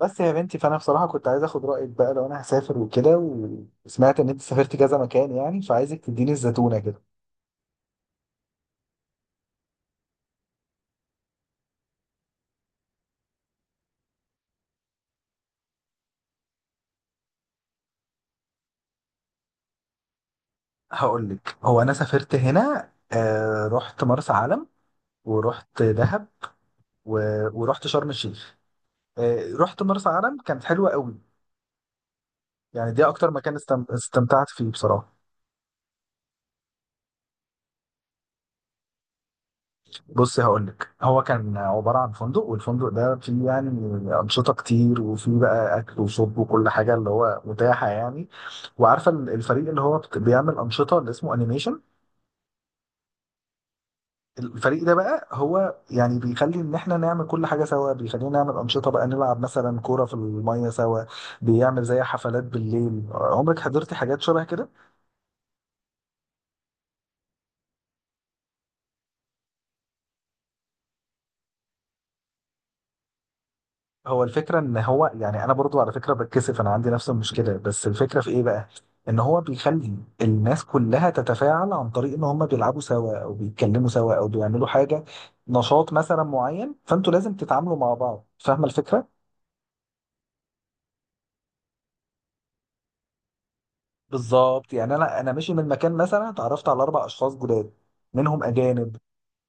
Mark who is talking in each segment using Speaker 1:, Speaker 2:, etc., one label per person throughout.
Speaker 1: بس يا بنتي فانا بصراحه كنت عايز اخد رايك بقى لو انا هسافر وكده وسمعت ان انت سافرت كذا مكان يعني فعايزك تديني الزتونه كده. هقول لك، هو انا سافرت هنا، آه رحت مرسى علم ورحت دهب و... ورحت شرم الشيخ. آه رحت مرسى علم، كانت حلوه قوي. يعني دي اكتر مكان استمتعت فيه بصراحه. بص هقول لك، هو كان عباره عن فندق، والفندق ده فيه يعني انشطه كتير، وفيه بقى اكل وشرب وكل حاجه اللي هو متاحه يعني. وعارفه الفريق اللي هو بيعمل انشطه، اللي اسمه انيميشن. الفريق ده بقى هو يعني بيخلي ان احنا نعمل كل حاجه سوا، بيخلينا نعمل انشطه بقى، نلعب مثلا كوره في الميه سوا، بيعمل زي حفلات بالليل. عمرك حضرتي حاجات شبه كده؟ هو الفكرة ان هو يعني انا برضو على فكرة بتكسف، انا عندي نفس المشكلة، بس الفكرة في ايه بقى؟ ان هو بيخلي الناس كلها تتفاعل عن طريق ان هم بيلعبوا سوا او بيتكلموا سوا او بيعملوا حاجة، نشاط مثلا معين، فانتوا لازم تتعاملوا مع بعض. فاهمة الفكرة؟ بالظبط يعني، انا ماشي من مكان مثلا اتعرفت على اربع اشخاص جداد، منهم اجانب.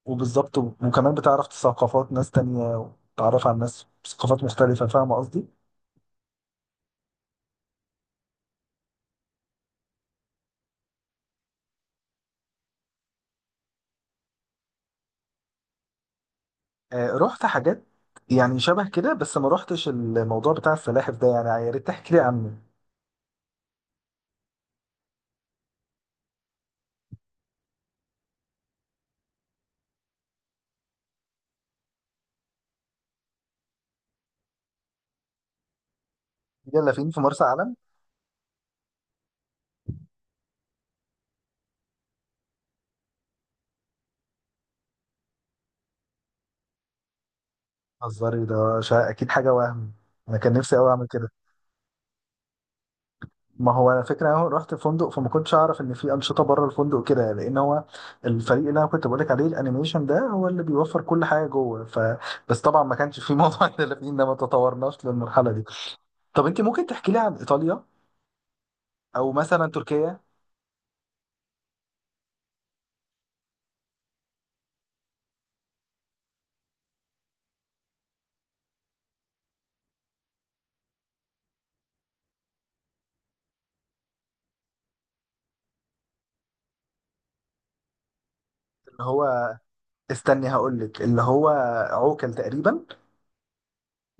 Speaker 1: وبالظبط، وكمان بتعرف ثقافات ناس تانية، وتعرف على ناس ثقافات مختلفة. فاهمة قصدي؟ آه، رحت حاجات يعني شبه كده، بس ما رحتش الموضوع بتاع السلاحف ده، يعني يا ريت تحكي لي عنه. يلا فين في مرسى علم. هزاري ده اكيد حاجه وهم. انا كان نفسي قوي اعمل كده. ما هو انا فكره انا رحت فندق، فما كنتش اعرف ان في انشطه بره الفندق كده، لان هو الفريق اللي انا كنت بقولك عليه الانيميشن ده هو اللي بيوفر كل حاجه جوه، ف بس طبعا ما كانش في موضوع الدلافين ده، ما تطورناش للمرحله دي. طب انت ممكن تحكي لي عن ايطاليا او مثلا تركيا؟ اللي هو، استني هقول لك، اللي هو عوكل تقريبا.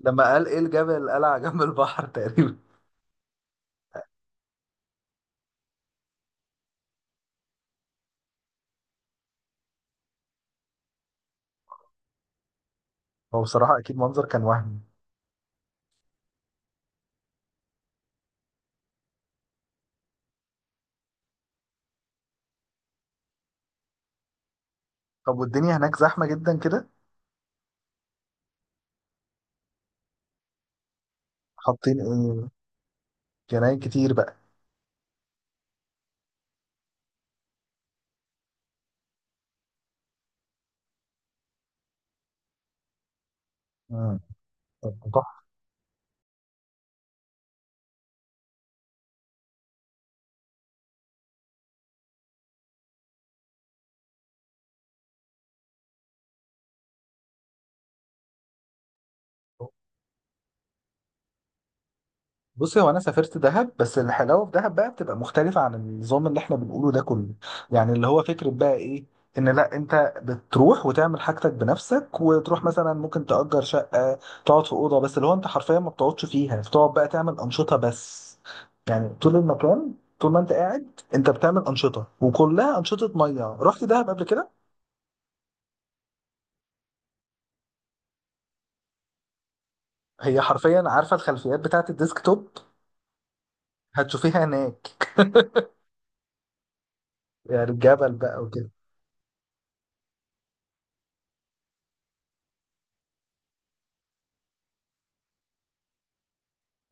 Speaker 1: لما قال ايه الجبل، قال على جنب البحر تقريبا. هو بصراحة اكيد منظر كان وهمي. طب والدنيا هناك زحمة جدا كده؟ حاطين ايه؟ جناين كتير بقى. امم طب تحفة. بصي، هو انا سافرت دهب، بس الحلاوه في دهب بقى بتبقى مختلفه عن النظام اللي احنا بنقوله ده كله. يعني اللي هو فكره بقى ايه؟ ان لا، انت بتروح وتعمل حاجتك بنفسك، وتروح مثلا ممكن تأجر شقه، تقعد في اوضه، بس اللي هو انت حرفيا ما بتقعدش فيها، بتقعد بقى تعمل انشطه بس. يعني طول المكان، طول ما انت قاعد، انت بتعمل انشطه، وكلها انشطه ميه. رحت دهب قبل كده؟ هي حرفيا عارفه الخلفيات بتاعت الديسك توب، هتشوفيها هناك. يعني الجبل بقى.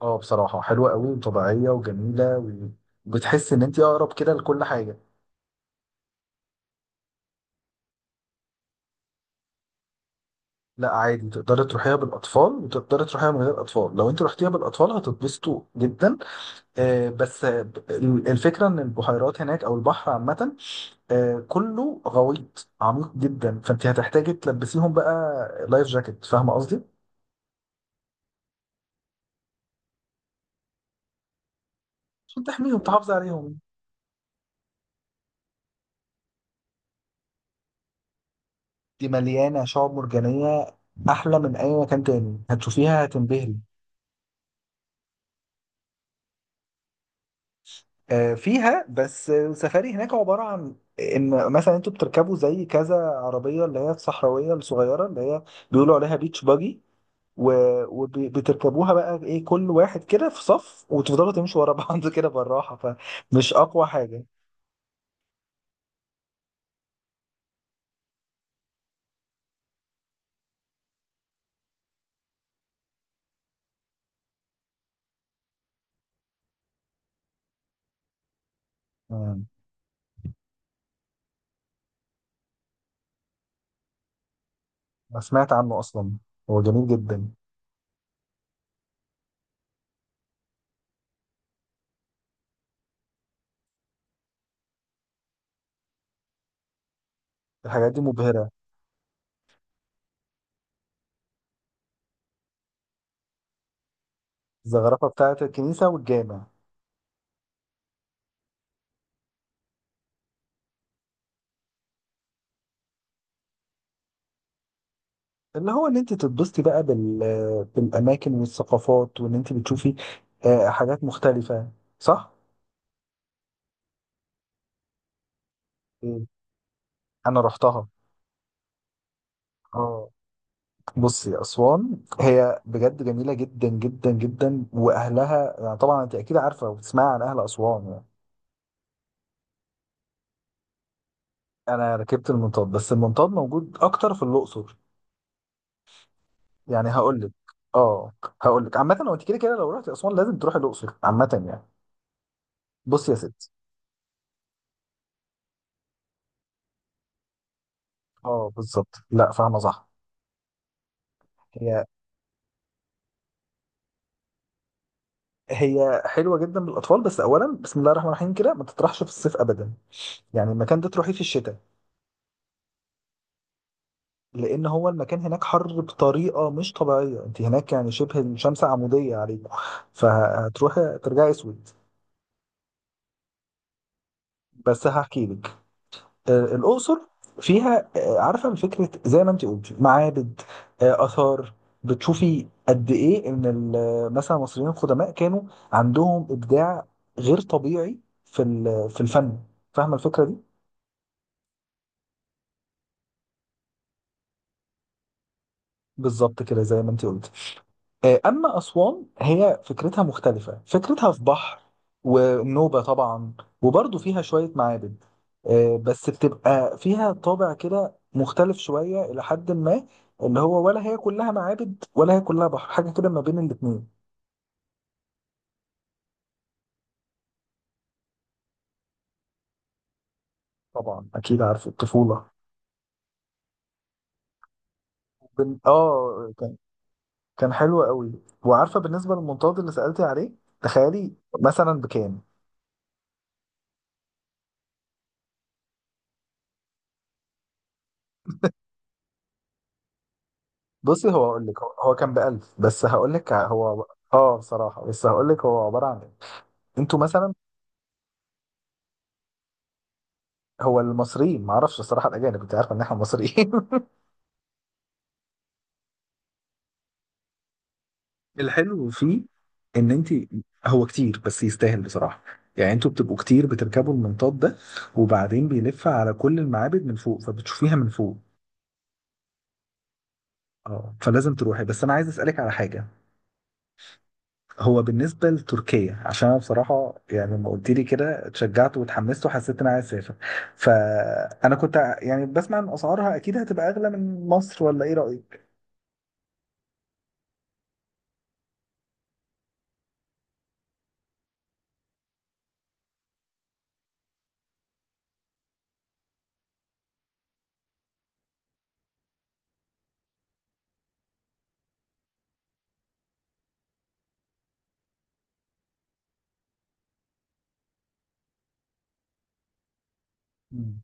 Speaker 1: اه بصراحة حلوة قوي وطبيعية وجميلة وبتحس ان انت اقرب كده لكل حاجة. لا عادي، تقدري تروحيها بالاطفال وتقدري تروحيها من غير اطفال. لو انت رحتيها بالاطفال هتتبسطوا جدا. آه بس الفكرة ان البحيرات هناك او البحر عامة آه كله غويط عميق جدا، فانت هتحتاجي تلبسيهم بقى لايف جاكيت. فاهمة قصدي؟ عشان تحميهم تحافظي عليهم. دي مليانة شعاب مرجانية، احلى من اي مكان تاني. هتشوفيها هتنبهري. آه، فيها، بس السفاري هناك عبارة عن ان مثلا انتوا بتركبوا زي كذا عربية، اللي هي الصحراوية الصغيرة، اللي هي بيقولوا عليها بيتش باجي، وبتركبوها بقى ايه، كل واحد كده في صف، وتفضلوا تمشوا ورا بعض كده بالراحة. فمش اقوى حاجة. آه، انا سمعت عنه اصلا. هو جميل جدا. الحاجات دي مبهرة. الزخرفة بتاعة الكنيسة والجامع. اللي هو ان انت تتبسطي بقى بالاماكن والثقافات، وان انت بتشوفي آه، حاجات مختلفة. صح؟ انا رحتها. اه بصي، اسوان هي بجد جميله جدا جدا جدا، واهلها يعني طبعا انت اكيد عارفه وبتسمعي عن اهل اسوان يعني. انا ركبت المنطاد، بس المنطاد موجود اكتر في الاقصر. يعني هقول لك، اه هقول لك عامه، هو انت كده كده لو رحت اسوان لازم تروحي الاقصر عامه يعني. بصي يا ستي. اه بالظبط، لا فاهمه صح. هي هي حلوه جدا للاطفال، بس اولا بسم الله الرحمن الرحيم كده ما تطرحش في الصيف ابدا. يعني المكان ده تروحيه في الشتاء، لان هو المكان هناك حر بطريقه مش طبيعيه، انت هناك يعني شبه الشمس عموديه عليكم، فهتروحي ترجعي اسود. بس هحكي لك آه، الاقصر فيها آه، عارفه فكره زي ما انت قلتي، معابد، آه، اثار. بتشوفي قد ايه ان مثلا المصريين القدماء كانوا عندهم ابداع غير طبيعي في في الفن. فاهمه الفكره دي؟ بالظبط كده زي ما انت قلتي. آه، أما أسوان هي فكرتها مختلفة، فكرتها في بحر، ونوبة طبعا، وبرضه فيها شوية معابد آه، بس بتبقى فيها طابع كده مختلف شوية إلى حد ما. اللي هو ولا هي كلها معابد ولا هي كلها بحر، حاجة كده ما بين الاتنين. طبعا أكيد عارف، الطفولة. بن... آه كان كان حلو قوي. وعارفة بالنسبة للمنطاد اللي سألتي عليه، تخيلي مثلا بكام. بصي هو هقول لك، هو هو كان بألف، بس هقول لك هو اه بصراحة، بس هقول لك هو عبارة عن إيه. انتوا مثلا، هو المصريين ما اعرفش الصراحه، الاجانب انت عارف ان احنا مصريين. الحلو فيه ان انت، هو كتير بس يستاهل بصراحه. يعني انتوا بتبقوا كتير بتركبوا المنطاد ده، وبعدين بيلف على كل المعابد من فوق، فبتشوفيها من فوق. اه فلازم تروحي. بس انا عايز اسالك على حاجه. هو بالنسبه لتركيا، عشان انا بصراحه يعني لما قلت لي كده اتشجعت واتحمست وحسيت ان انا عايز اسافر، فانا كنت يعني بسمع ان اسعارها اكيد هتبقى اغلى من مصر، ولا ايه رايك؟ مم.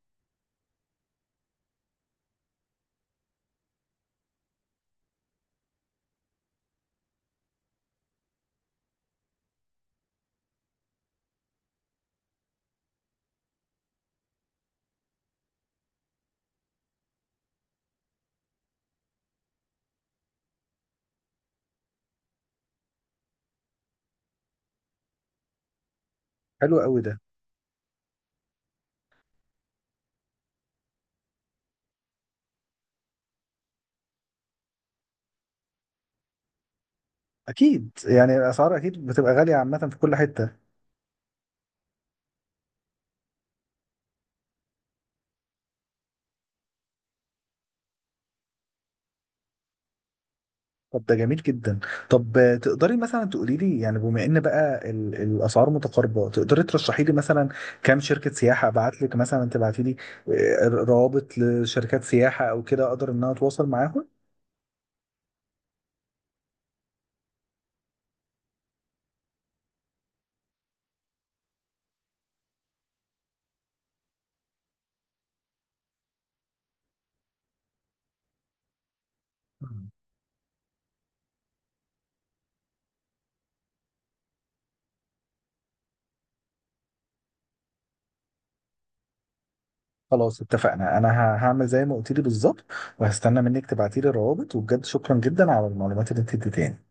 Speaker 1: حلو قوي ده. اكيد يعني الاسعار اكيد بتبقى غاليه عامه في كل حته. طب ده جميل جدا. طب آه، تقدري مثلا تقولي لي، يعني بما ان بقى الاسعار متقاربه، تقدري ترشحي لي مثلا كام شركه سياحه، ابعت لك مثلا تبعتي لي آه، روابط لشركات سياحه او كده، اقدر ان انا اتواصل معاهم. مم. خلاص اتفقنا. انا هعمل زي ما قلت لي بالظبط، وهستنى منك تبعتي لي الروابط. وبجد شكرا جدا على المعلومات اللي انت اديتها.